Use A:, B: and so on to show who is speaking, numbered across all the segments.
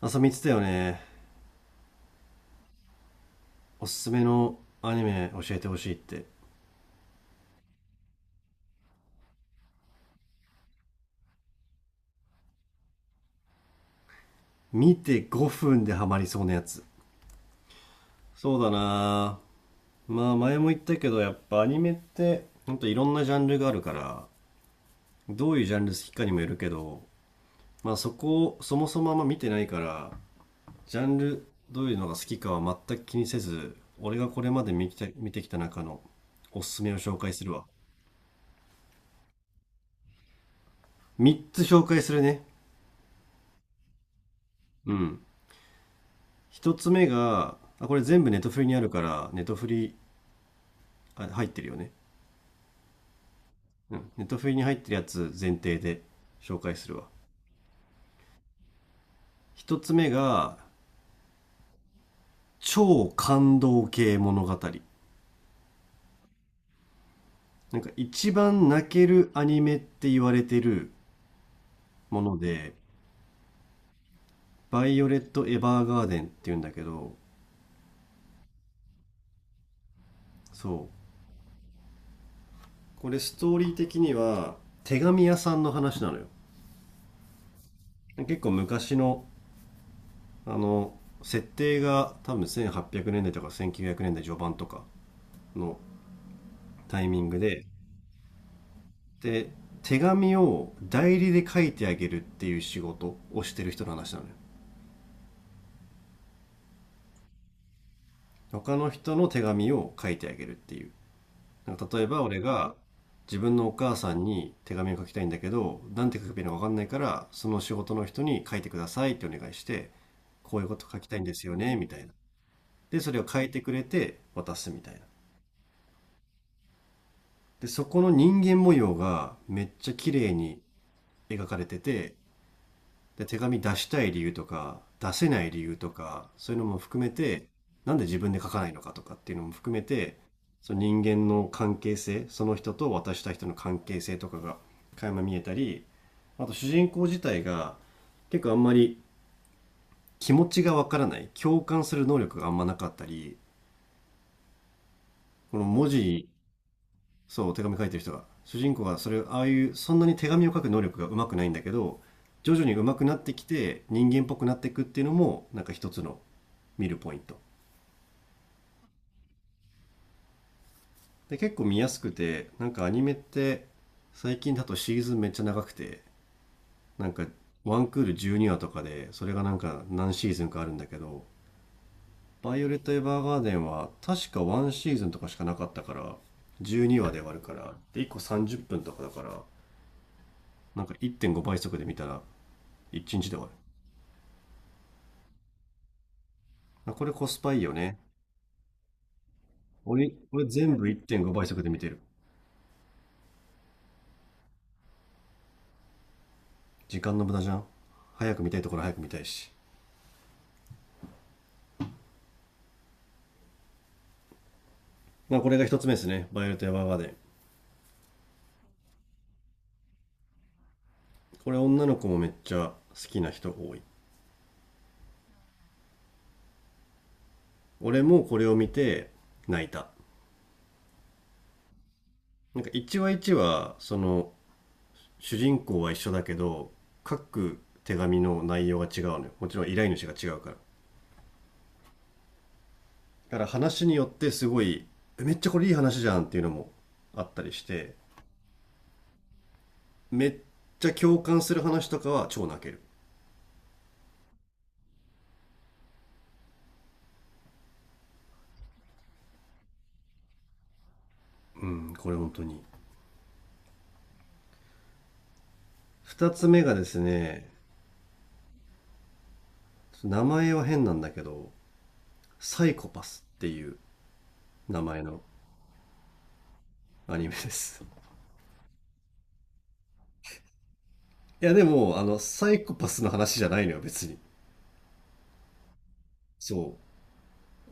A: 朝見つたよね。おすすめのアニメ教えてほしいって。見て5分でハマりそうなやつ。そうだなぁ、まあ前も言ったけどやっぱアニメってほんといろんなジャンルがあるから、どういうジャンル好きかにもよるけど、まあそこをそもそもあんま見てないから、ジャンルどういうのが好きかは全く気にせず、俺がこれまで見てきた中のおすすめを紹介するわ。3つ紹介するね。うん、一つ目がこれ全部ネトフリにあるから、ネトフリ、あ入ってるよね、うん、ネットフリに入ってるやつ前提で紹介するわ。一つ目が超感動系物語、なんか一番泣けるアニメって言われてるもので、「バイオレット・エヴァーガーデン」っていうんだけど、そう、これストーリー的には手紙屋さんの話なのよ。結構昔のあの設定が、多分1800年代とか1900年代序盤とかのタイミングで、で手紙を代理で書いてあげるっていう仕事をしてる人の話なのよ。他の人の手紙を書いてあげるっていう、なんか例えば俺が自分のお母さんに手紙を書きたいんだけど、なんて書けばいいのか分かんないから、その仕事の人に書いてくださいってお願いして、こういうこと書きたいんですよねみたいな、でそれを書いてくれて渡すみたいな。でそこの人間模様がめっちゃ綺麗に描かれてて、で手紙出したい理由とか出せない理由とか、そういうのも含めて、なんで自分で書かないのかとかっていうのも含めて、その人間の関係性、その人と渡した人の関係性とかが垣間見えたり、あと主人公自体が結構あんまり気持ちがわからない、共感する能力があんまなかったり、この文字、そう手紙書いてる人が、主人公がそれああいうそんなに手紙を書く能力がうまくないんだけど、徐々にうまくなってきて人間っぽくなっていくっていうのもなんか一つの見るポイント。で結構見やすくて、なんかアニメって最近だとシーズンめっちゃ長くて、なんかワンクール12話とかで、それがなんか何シーズンかあるんだけど、「バイオレット・エヴァーガーデン」は確か1シーズンとかしかなかったから、12話で終わるから、で1個30分とかだから、なんか1.5倍速で見たら1日で終わる。あ、これコスパいいよね。俺、全部1.5倍速で見てる。時間の無駄じゃん。早く見たいところ早く見たいし。まあこれが一つ目ですね。バイオレット・エヴァーガーデン。これ女の子もめっちゃ好きな人多い。俺もこれを見て泣いた。なんか1話1話、その主人公は一緒だけど、各手紙の内容が違うのよ。もちろん依頼主が違うから。だから話によってすごい、えめっちゃこれいい話じゃんっていうのもあったりして、めっちゃ共感する話とかは超泣ける。うん、これ本当に。二つ目がですね、名前は変なんだけど、サイコパスっていう名前のアニメです。いやでも、サイコパスの話じゃないのよ、別に。そう。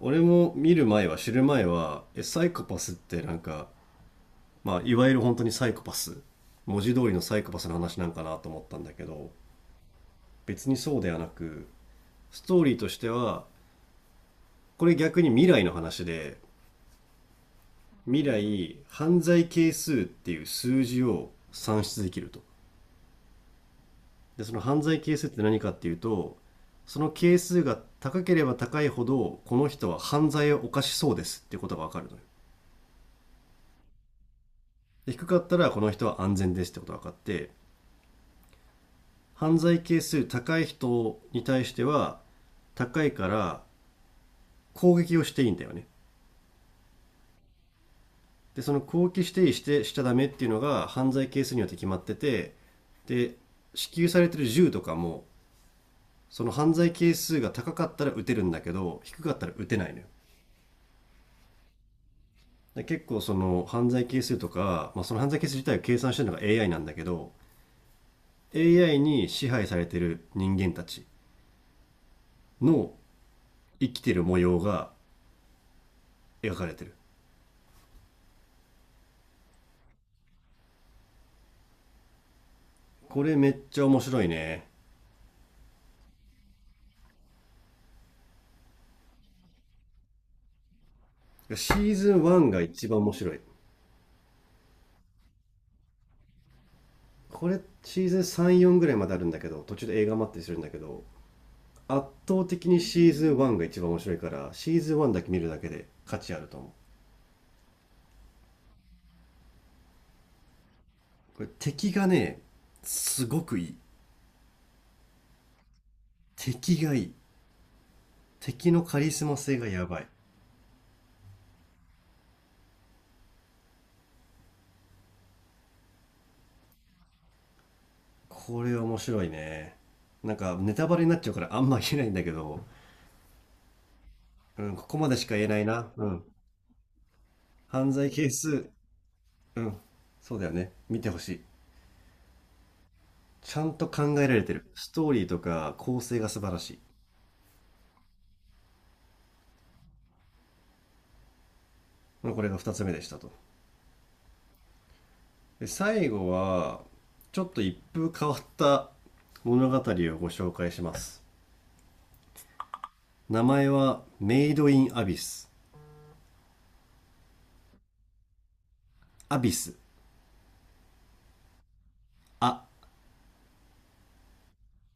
A: 俺も見る前は、知る前は、え、サイコパスってなんか、まあ、いわゆる本当にサイコパス、文字通りのサイコパスの話なんかなと思ったんだけど、別にそうではなく、ストーリーとしては、これ逆に未来の話で、未来犯罪係数っていう数字を算出できると。でその犯罪係数って何かっていうと、その係数が高ければ高いほどこの人は犯罪を犯しそうですっていうことが分かるのよ。で低かったらこの人は安全ですってことが分かって、犯罪係数高い人に対しては、高いから攻撃をしていいんだよね。でその攻撃していい、してしちゃダメっていうのが犯罪係数によって決まってて、で支給されてる銃とかも、その犯罪係数が高かったら打てるんだけど、低かったら打てないのよ。で結構その犯罪係数とか、まあ、その犯罪係数自体を計算してるのが AI なんだけど、 AI に支配されてる人間たちの生きてる模様が描かれてる。これめっちゃ面白いね。シーズン1が一番面白い。これシーズン34ぐらいまであるんだけど、途中で映画待ったりするんだけど、圧倒的にシーズン1が一番面白いから、シーズン1だけ見るだけで価値あると思う。これ敵がね、すごくいい。敵がいい。敵のカリスマ性がやばい。これ面白いね。なんかネタバレになっちゃうからあんま言えないんだけど、うん、ここまでしか言えないな。うん。犯罪係数、うん。そうだよね。見てほしい。ちゃんと考えられてる。ストーリーとか構成が素晴らしい。まあ、これが二つ目でしたと。で、最後は、ちょっと一風変わった物語をご紹介します。名前はメイドインアビス。アビス、あ、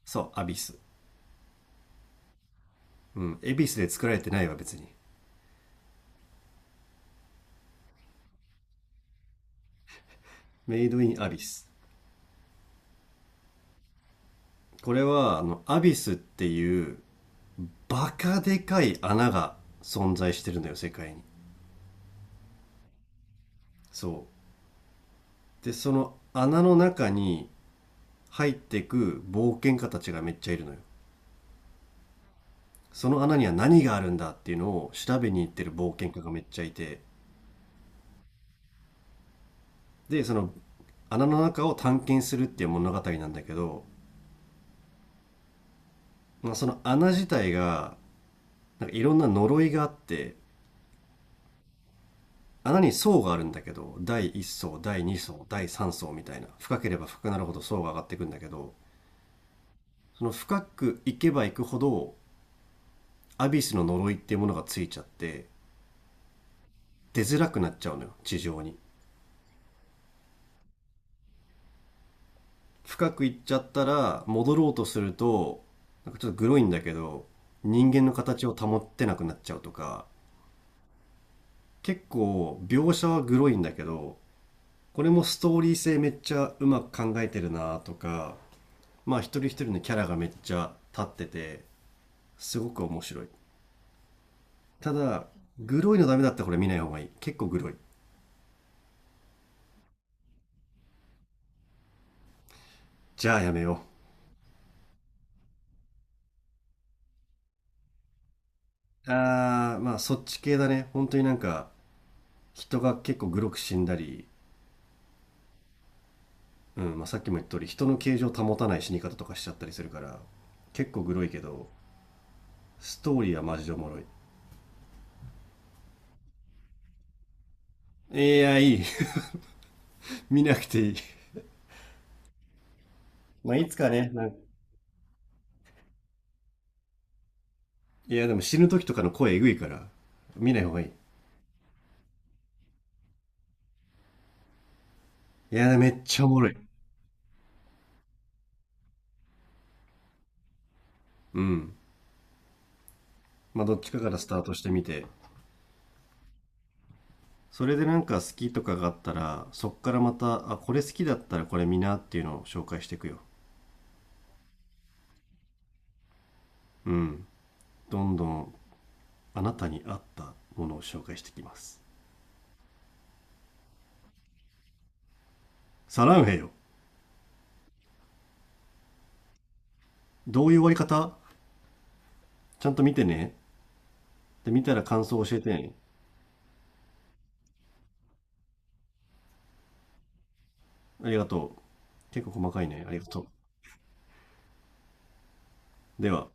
A: そう、アビス。うん。エビスで作られてないわ、別に。メイドインアビス。これは、アビスっていう、バカでかい穴が存在してるんだよ、世界に。そう。で、その穴の中に入ってく冒険家たちがめっちゃいるのよ。その穴には何があるんだっていうのを調べに行ってる冒険家がめっちゃいて。で、その穴の中を探検するっていう物語なんだけど、まあ、その穴自体がなんかいろんな呪いがあって、穴に層があるんだけど、第1層第2層第3層みたいな、深ければ深くなるほど層が上がっていくんだけど、その深く行けば行くほどアビスの呪いっていうものがついちゃって、出づらくなっちゃうのよ地上に。深く行っちゃったら戻ろうとすると、なんかちょっとグロいんだけど、人間の形を保ってなくなっちゃうとか、結構描写はグロいんだけど、これもストーリー性めっちゃうまく考えてるなとか、まあ一人一人のキャラがめっちゃ立ってて、すごく面白い。ただ、グロいのダメだったらこれ見ない方がいい。結構グロい。じゃあやめよう。あー、まあそっち系だね。本当になんか、人が結構グロく死んだり、うん、まあさっきも言った通り、人の形状を保たない死に方とかしちゃったりするから、結構グロいけど、ストーリーはマジでおもろい。いや、いい 見なくていい まあいつかね、なんかいやでも死ぬ時とかの声えぐいから、見ない方がいい。いや、めっちゃおもろい。うん。まあどっちかからスタートしてみて、それでなんか好きとかがあったら、そっからまた、あ、これ好きだったらこれ見なっていうのを紹介していくよ。うん。どんどんあなたに合ったものを紹介していきます。サランヘよ。どういう終わり方。ちゃんと見てね。で、見たら感想を教えてね。ありがとう。結構細かいね。ありがとう。では、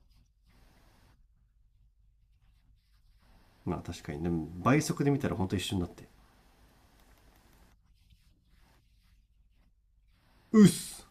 A: まあ確かに、ね、倍速で見たらほんと一緒になって。うっす